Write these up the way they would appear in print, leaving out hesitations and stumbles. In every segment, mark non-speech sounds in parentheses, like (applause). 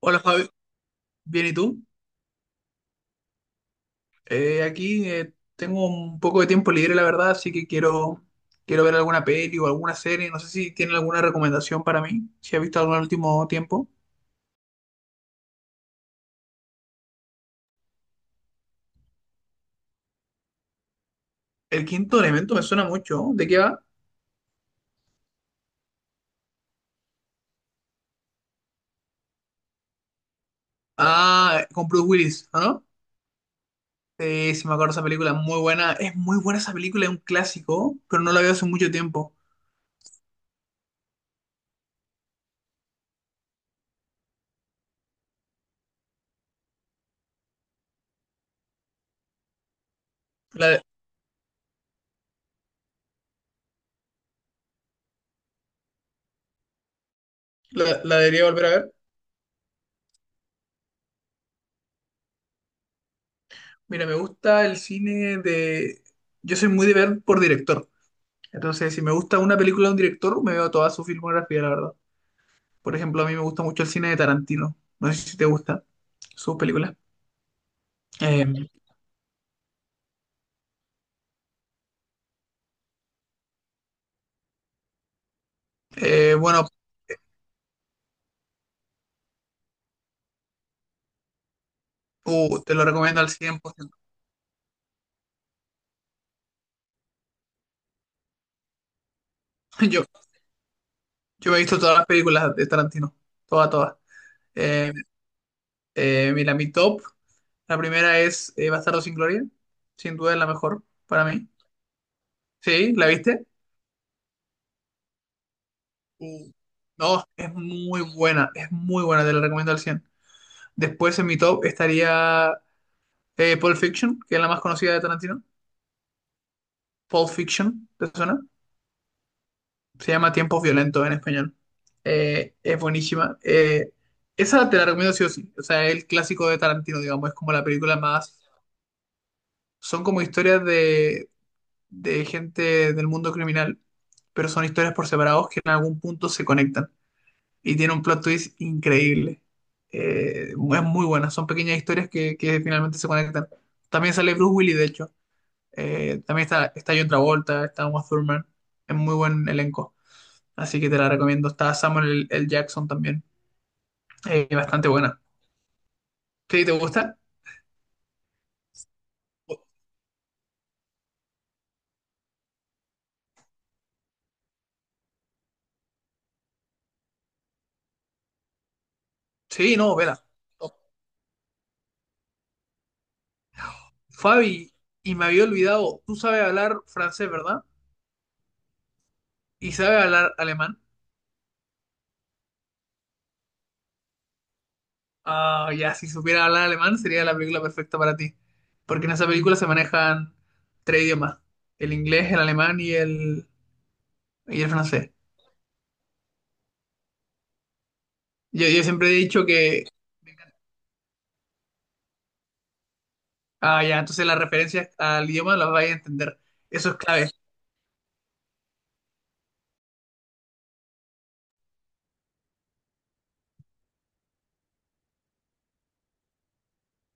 Hola Fabi, bien y tú? Aquí tengo un poco de tiempo libre, la verdad, así que quiero ver alguna peli o alguna serie. No sé si tienen alguna recomendación para mí, si has visto algo en el último tiempo. El quinto elemento me suena mucho. ¿De qué va? Ah, con Bruce Willis, ¿o ¿no? Sí, me acuerdo de esa película, muy buena. Es muy buena esa película, es un clásico, pero no la veo hace mucho tiempo. La, la debería volver a ver. Mira, me gusta el cine de... Yo soy muy de ver por director. Entonces, si me gusta una película de un director, me veo toda su filmografía, la verdad. Por ejemplo, a mí me gusta mucho el cine de Tarantino. No sé si te gusta sus películas. Eh, bueno, te lo recomiendo al 100%. (laughs) Yo, yo me he visto todas las películas de Tarantino. Todas, todas. Eh, mira, mi top. La primera es Bastardo sin Gloria. Sin duda es la mejor para mí. ¿Sí? ¿La viste? Uh, No, es muy buena. Es muy buena. Te la recomiendo al 100%. Después en mi top estaría Pulp Fiction, que es la más conocida de Tarantino. Pulp Fiction, ¿te suena? Se llama Tiempos Violentos en español. Es buenísima. Esa te la recomiendo sí o sí. O sea, es el clásico de Tarantino, digamos. Es como la película más... Son como historias de gente del mundo criminal, pero son historias por separados que en algún punto se conectan. Y tiene un plot twist increíble. Es muy buena. Son pequeñas historias que finalmente se conectan. También sale Bruce Willis, de hecho. También está John Travolta, está Uma Thurman. Es muy buen elenco. Así que te la recomiendo. Está Samuel L. Jackson también. Bastante buena. ¿Sí, te gusta? Sí, no, vela. Fabi, y me había olvidado, tú sabes hablar francés, ¿verdad? Y sabes hablar alemán. Ah, ya, si supiera hablar alemán sería la película perfecta para ti. Porque en esa película se manejan 3 idiomas. El inglés, el alemán y el francés. Yo siempre he dicho que Ah, ya, entonces las referencias al idioma las vais a entender. Eso es clave.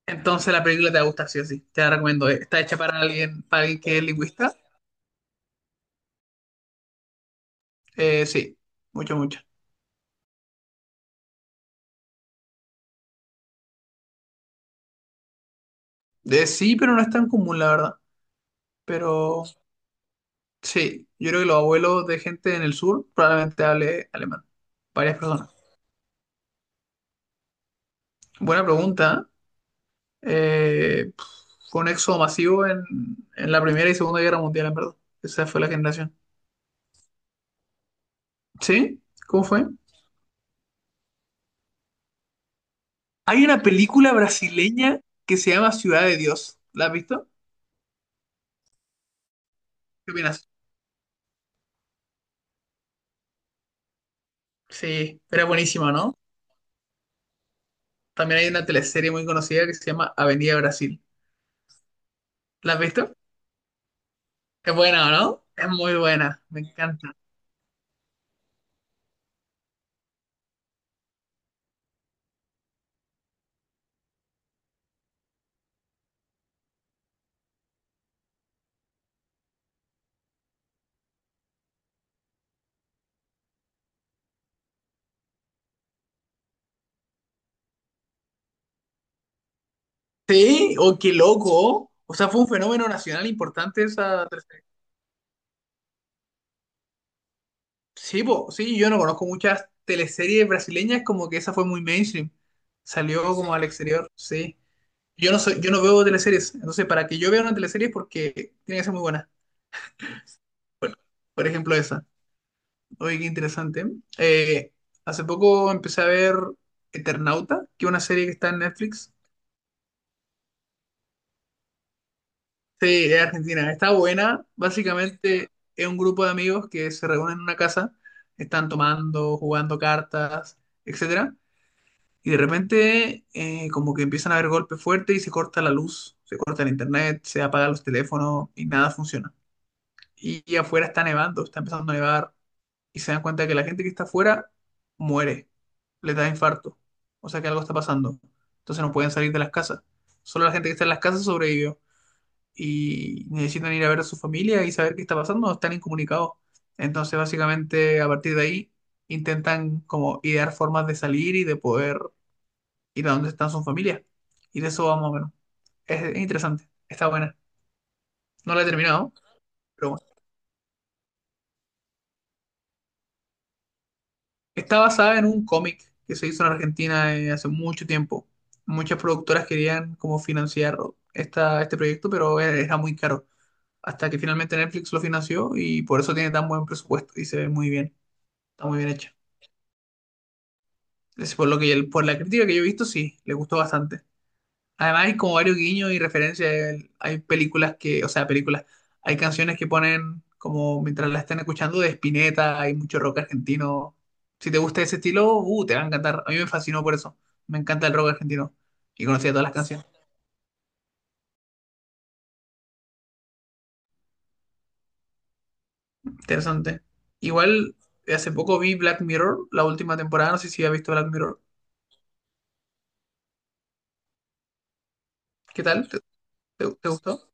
Entonces la película te va a gustar, sí o sí. Te la recomiendo. Está hecha para alguien que es lingüista. Sí, mucho, mucho. Sí, pero no es tan común, la verdad. Pero sí, yo creo que los abuelos de gente en el sur probablemente hable alemán. Varias personas. Buena pregunta. ¿Eh? Fue un éxodo masivo en la Primera y Segunda Guerra Mundial, en verdad. Esa fue la generación. ¿Sí? ¿Cómo fue? Hay una película brasileña que se llama Ciudad de Dios. ¿La has visto? ¿Qué opinas? Sí, era buenísima, ¿no? También hay una teleserie muy conocida que se llama Avenida Brasil. ¿La has visto? Es buena, ¿no? Es muy buena, me encanta. Sí, oh, qué loco. O sea, fue un fenómeno nacional importante esa teleserie. Sí, po, sí, yo no conozco muchas teleseries brasileñas, como que esa fue muy mainstream. Salió como al exterior, sí. Yo no veo teleseries, entonces para que yo vea una teleserie es porque tiene que ser muy buena. Bueno, por ejemplo esa. Oye, qué interesante. Eh, hace poco empecé a ver Eternauta, que es una serie que está en Netflix. Sí, es argentina. Está buena. Básicamente es un grupo de amigos que se reúnen en una casa, están tomando, jugando cartas, etcétera. Y de repente como que empiezan a haber golpes fuertes y se corta la luz, se corta el internet, se apagan los teléfonos y nada funciona. Y afuera está nevando, está empezando a nevar y se dan cuenta que la gente que está afuera muere, le da infarto, o sea que algo está pasando. Entonces no pueden salir de las casas. Solo la gente que está en las casas sobrevivió y necesitan ir a ver a su familia y saber qué está pasando, están incomunicados. Entonces básicamente a partir de ahí intentan como idear formas de salir y de poder ir a donde están sus familias. Y de eso vamos a menos. Es interesante, está buena. No la he terminado, pero bueno. Está basada en un cómic que se hizo en Argentina hace mucho tiempo. Muchas productoras querían como financiar este proyecto, pero era muy caro. Hasta que finalmente Netflix lo financió y por eso tiene tan buen presupuesto y se ve muy bien. Está muy bien hecha. Es por lo que, por la crítica que yo he visto, sí, le gustó bastante. Además hay como varios guiños y referencias. Hay películas que, o sea, películas, hay canciones que ponen como mientras la están escuchando de Spinetta, hay mucho rock argentino. Si te gusta ese estilo, te va a encantar. A mí me fascinó por eso. Me encanta el rock argentino. Y conocía todas las canciones. Interesante. Igual, hace poco vi Black Mirror, la última temporada. No sé si has visto Black Mirror. ¿Qué tal? Te gustó?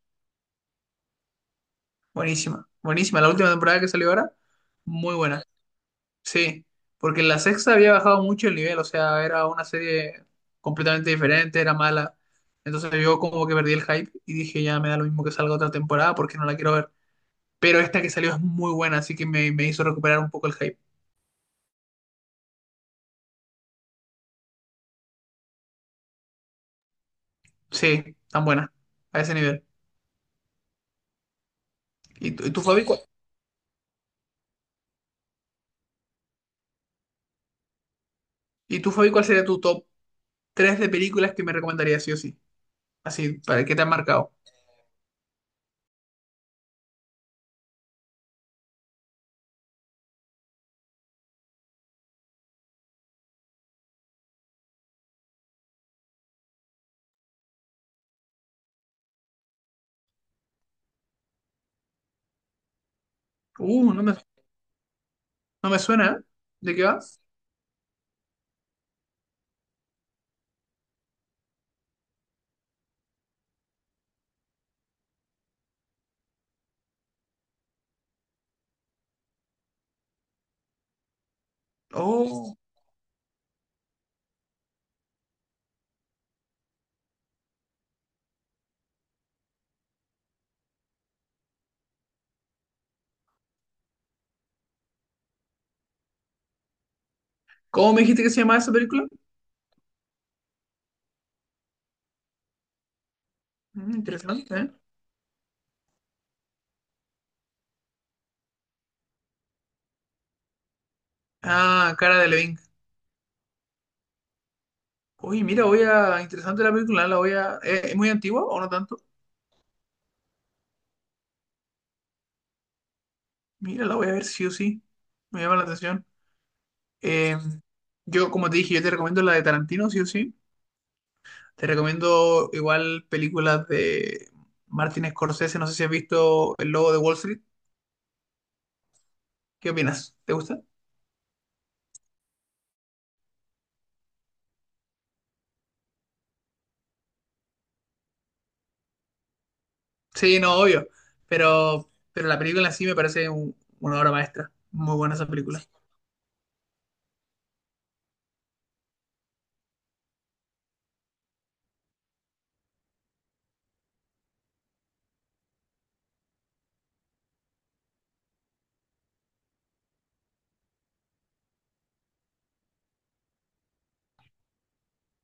Buenísima. Buenísima. La última temporada que salió ahora, muy buena. Sí, porque la sexta había bajado mucho el nivel, o sea, era una serie completamente diferente, era mala. Entonces yo como que perdí el hype y dije, ya me da lo mismo que salga otra temporada porque no la quiero ver. Pero esta que salió es muy buena, así que me hizo recuperar un poco el hype. Sí, tan buena, a ese nivel. ¿Y tú, y tú, Fabi, cuál, y tú, Fabi, ¿cuál sería tu top 3 de películas que me recomendarías sí o sí? Así, ¿para qué te han marcado? Uh, no me, no me suena, ¿eh? ¿De qué va? Oh, ¿cómo me dijiste que se llamaba esa película? Mm, interesante, ¿eh? Ah, Cara de Levin. Oye, mira, voy a. Interesante la película, ¿eh? La voy a. ¿Es muy antigua o no tanto? Mira, la voy a ver sí o sí. Me llama la atención. Eh, como te dije, yo te recomiendo la de Tarantino, sí o sí. Te recomiendo igual películas de Martin Scorsese. No sé si has visto El Lobo de Wall Street. ¿Qué opinas? ¿Te gusta? Sí, no, obvio. Pero la película en sí me parece una obra maestra. Muy buena esa película.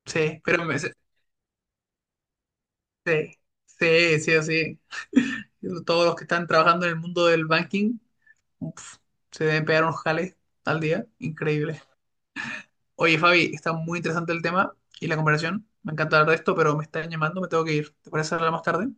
Sí, pero me- Sí, sí, sí, o sí. (laughs) Todos los que están trabajando en el mundo del banking, uf, se deben pegar unos jales al día. Increíble. Oye, Fabi, está muy interesante el tema y la conversación. Me encanta hablar de esto, pero me están llamando, me tengo que ir. ¿Te parece hablar más tarde?